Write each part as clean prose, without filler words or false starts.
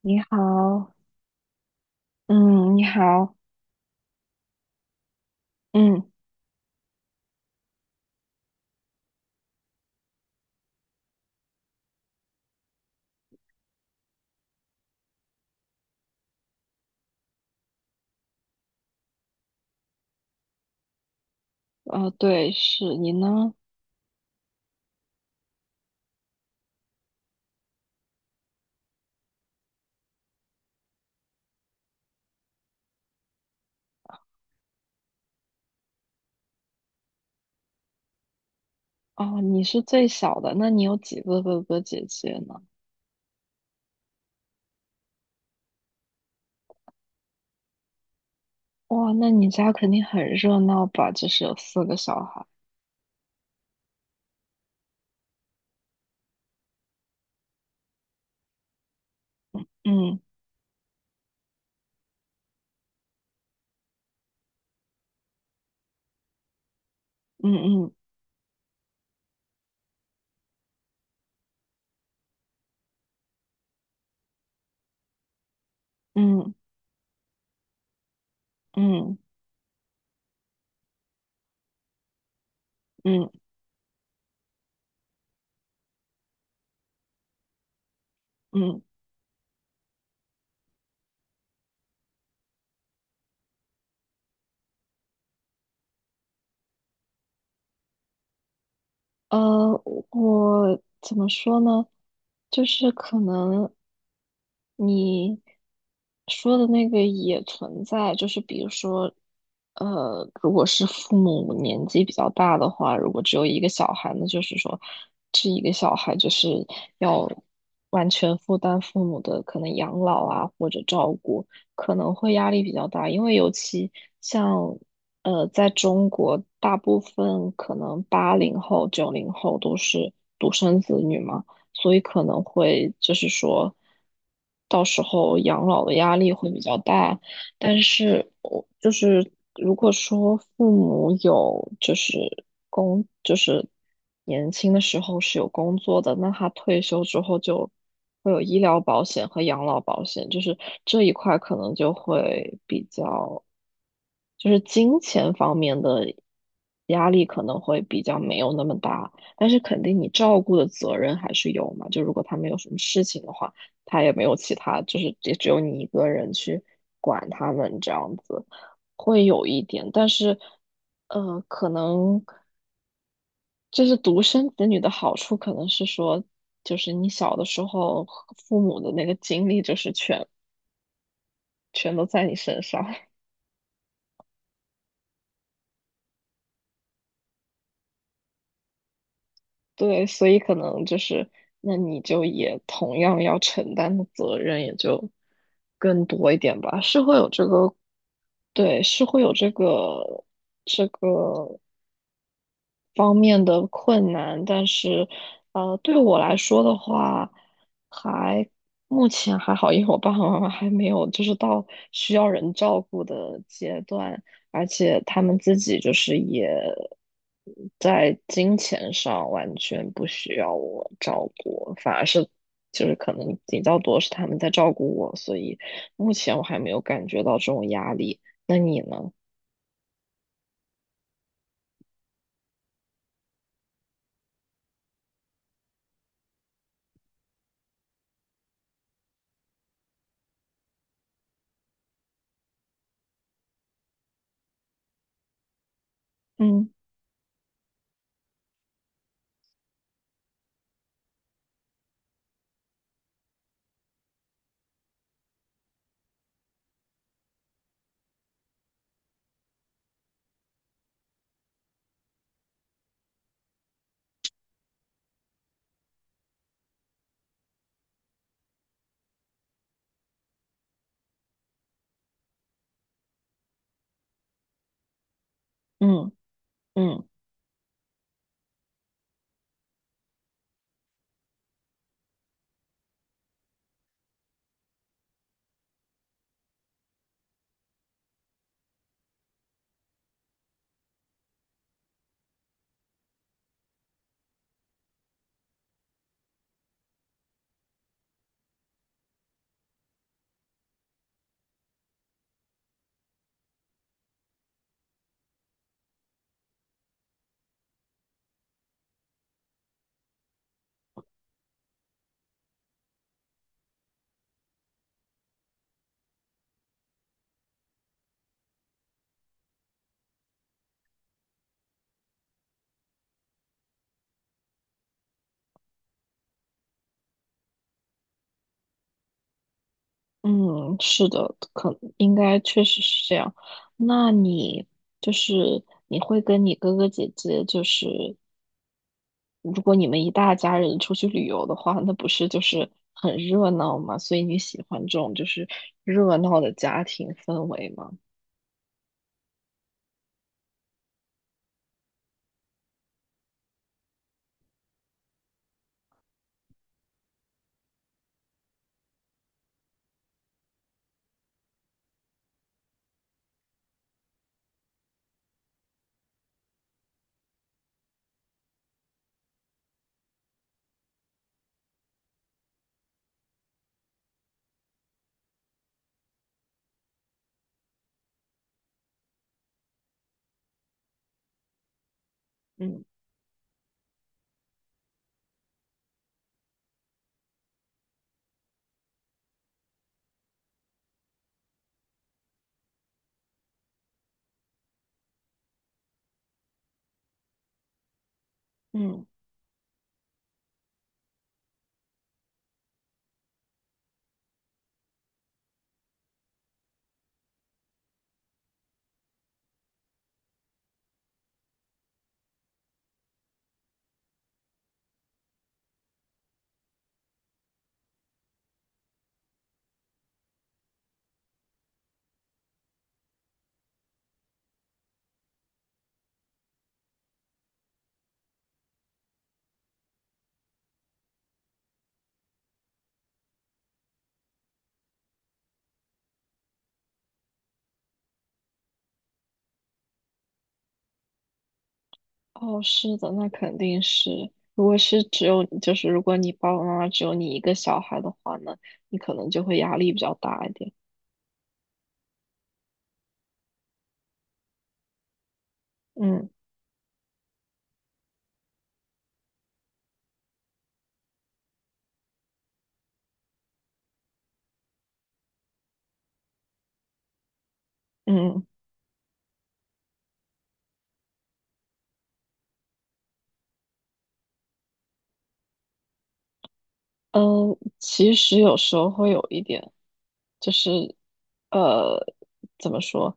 你好，嗯，你好，嗯，对，是你呢？哦，你是最小的，那你有几个哥哥姐姐呢？哇，那你家肯定很热闹吧？就是有4个小孩。嗯嗯嗯嗯嗯嗯嗯。嗯。呃，我怎么说呢？就是可能你说的那个也存在，就是比如说，如果是父母年纪比较大的话，如果只有一个小孩，那就是说，这一个小孩就是要完全负担父母的可能养老啊，或者照顾。可能会压力比较大，因为尤其像，在中国，大部分可能80后、90后都是独生子女嘛，所以可能会就是说，到时候养老的压力会比较大，但是我就是如果说父母有就是工就是年轻的时候是有工作的，那他退休之后就会有医疗保险和养老保险，就是这一块可能就会比较就是金钱方面的压力可能会比较没有那么大，但是肯定你照顾的责任还是有嘛，就如果他们有什么事情的话。他也没有其他，就是也只有你一个人去管他们这样子，会有一点，但是，可能就是独生子女的好处，可能是说，就是你小的时候父母的那个精力就是全都在你身上。对，所以可能就是，那你就也同样要承担的责任也就更多一点吧，是会有这个，对，是会有这个。方面的困难，但是，对我来说的话，还目前还好，因为我爸爸妈妈还没有就是到需要人照顾的阶段，而且他们自己就是也在金钱上完全不需要我照顾，反而是就是可能比较多是他们在照顾我，所以目前我还没有感觉到这种压力。那你呢？嗯嗯嗯。嗯，是的，可应该确实是这样。那你就是你会跟你哥哥姐姐，就是如果你们一大家人出去旅游的话，那不是就是很热闹嘛？所以你喜欢这种就是热闹的家庭氛围吗？嗯嗯。哦，是的，那肯定是。如果是只有就是如果你爸爸妈妈只有你一个小孩的话呢，你可能就会压力比较大一点。嗯嗯。嗯，其实有时候会有一点，就是呃，怎么说，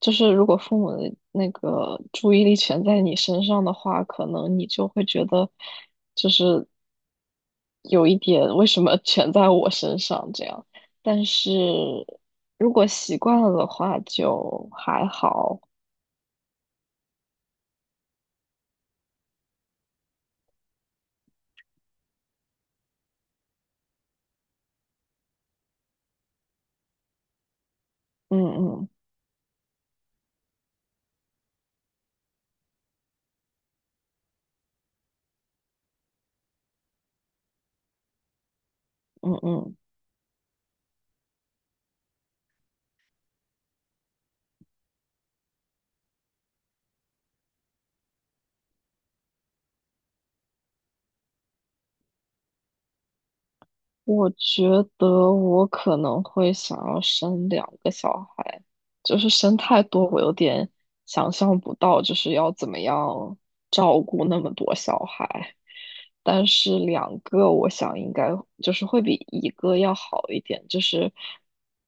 就是如果父母的那个注意力全在你身上的话，可能你就会觉得，就是有一点为什么全在我身上这样。但是如果习惯了的话，就还好。嗯嗯嗯嗯。我觉得我可能会想要生2个小孩，就是生太多，我有点想象不到，就是要怎么样照顾那么多小孩。但是两个我想应该就是会比一个要好一点，就是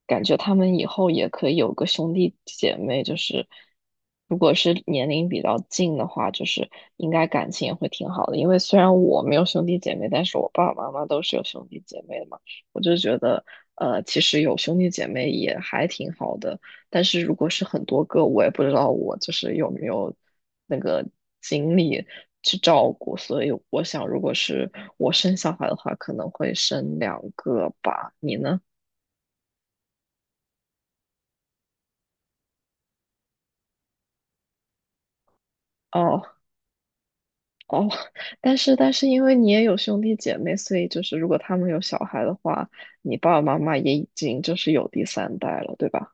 感觉他们以后也可以有个兄弟姐妹，就是如果是年龄比较近的话，就是应该感情也会挺好的。因为虽然我没有兄弟姐妹，但是我爸爸妈妈都是有兄弟姐妹的嘛，我就觉得其实有兄弟姐妹也还挺好的。但是如果是很多个，我也不知道我就是有没有那个精力去照顾，所以我想，如果是我生小孩的话，可能会生两个吧。你呢？哦哦，但是因为你也有兄弟姐妹，所以就是如果他们有小孩的话，你爸爸妈妈也已经就是有第三代了，对吧？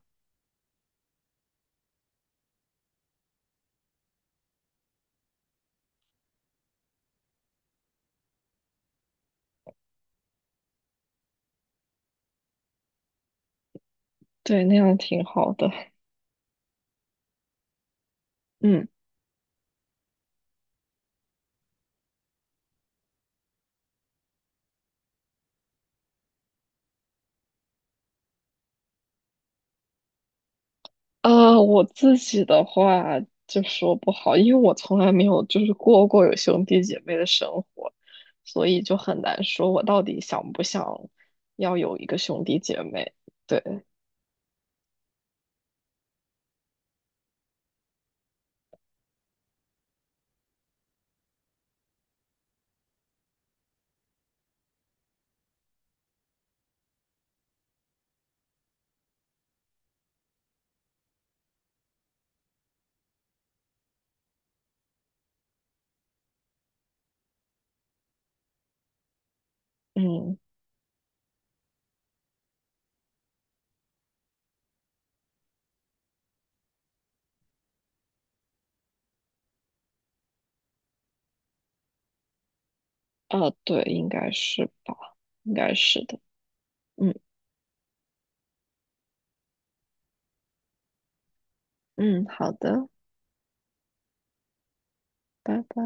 对，那样挺好的。嗯。啊，我自己的话就说不好，因为我从来没有就是过过有兄弟姐妹的生活，所以就很难说我到底想不想要有一个兄弟姐妹。对，嗯，啊，对，应该是吧，应该是的。嗯嗯，好的，拜拜。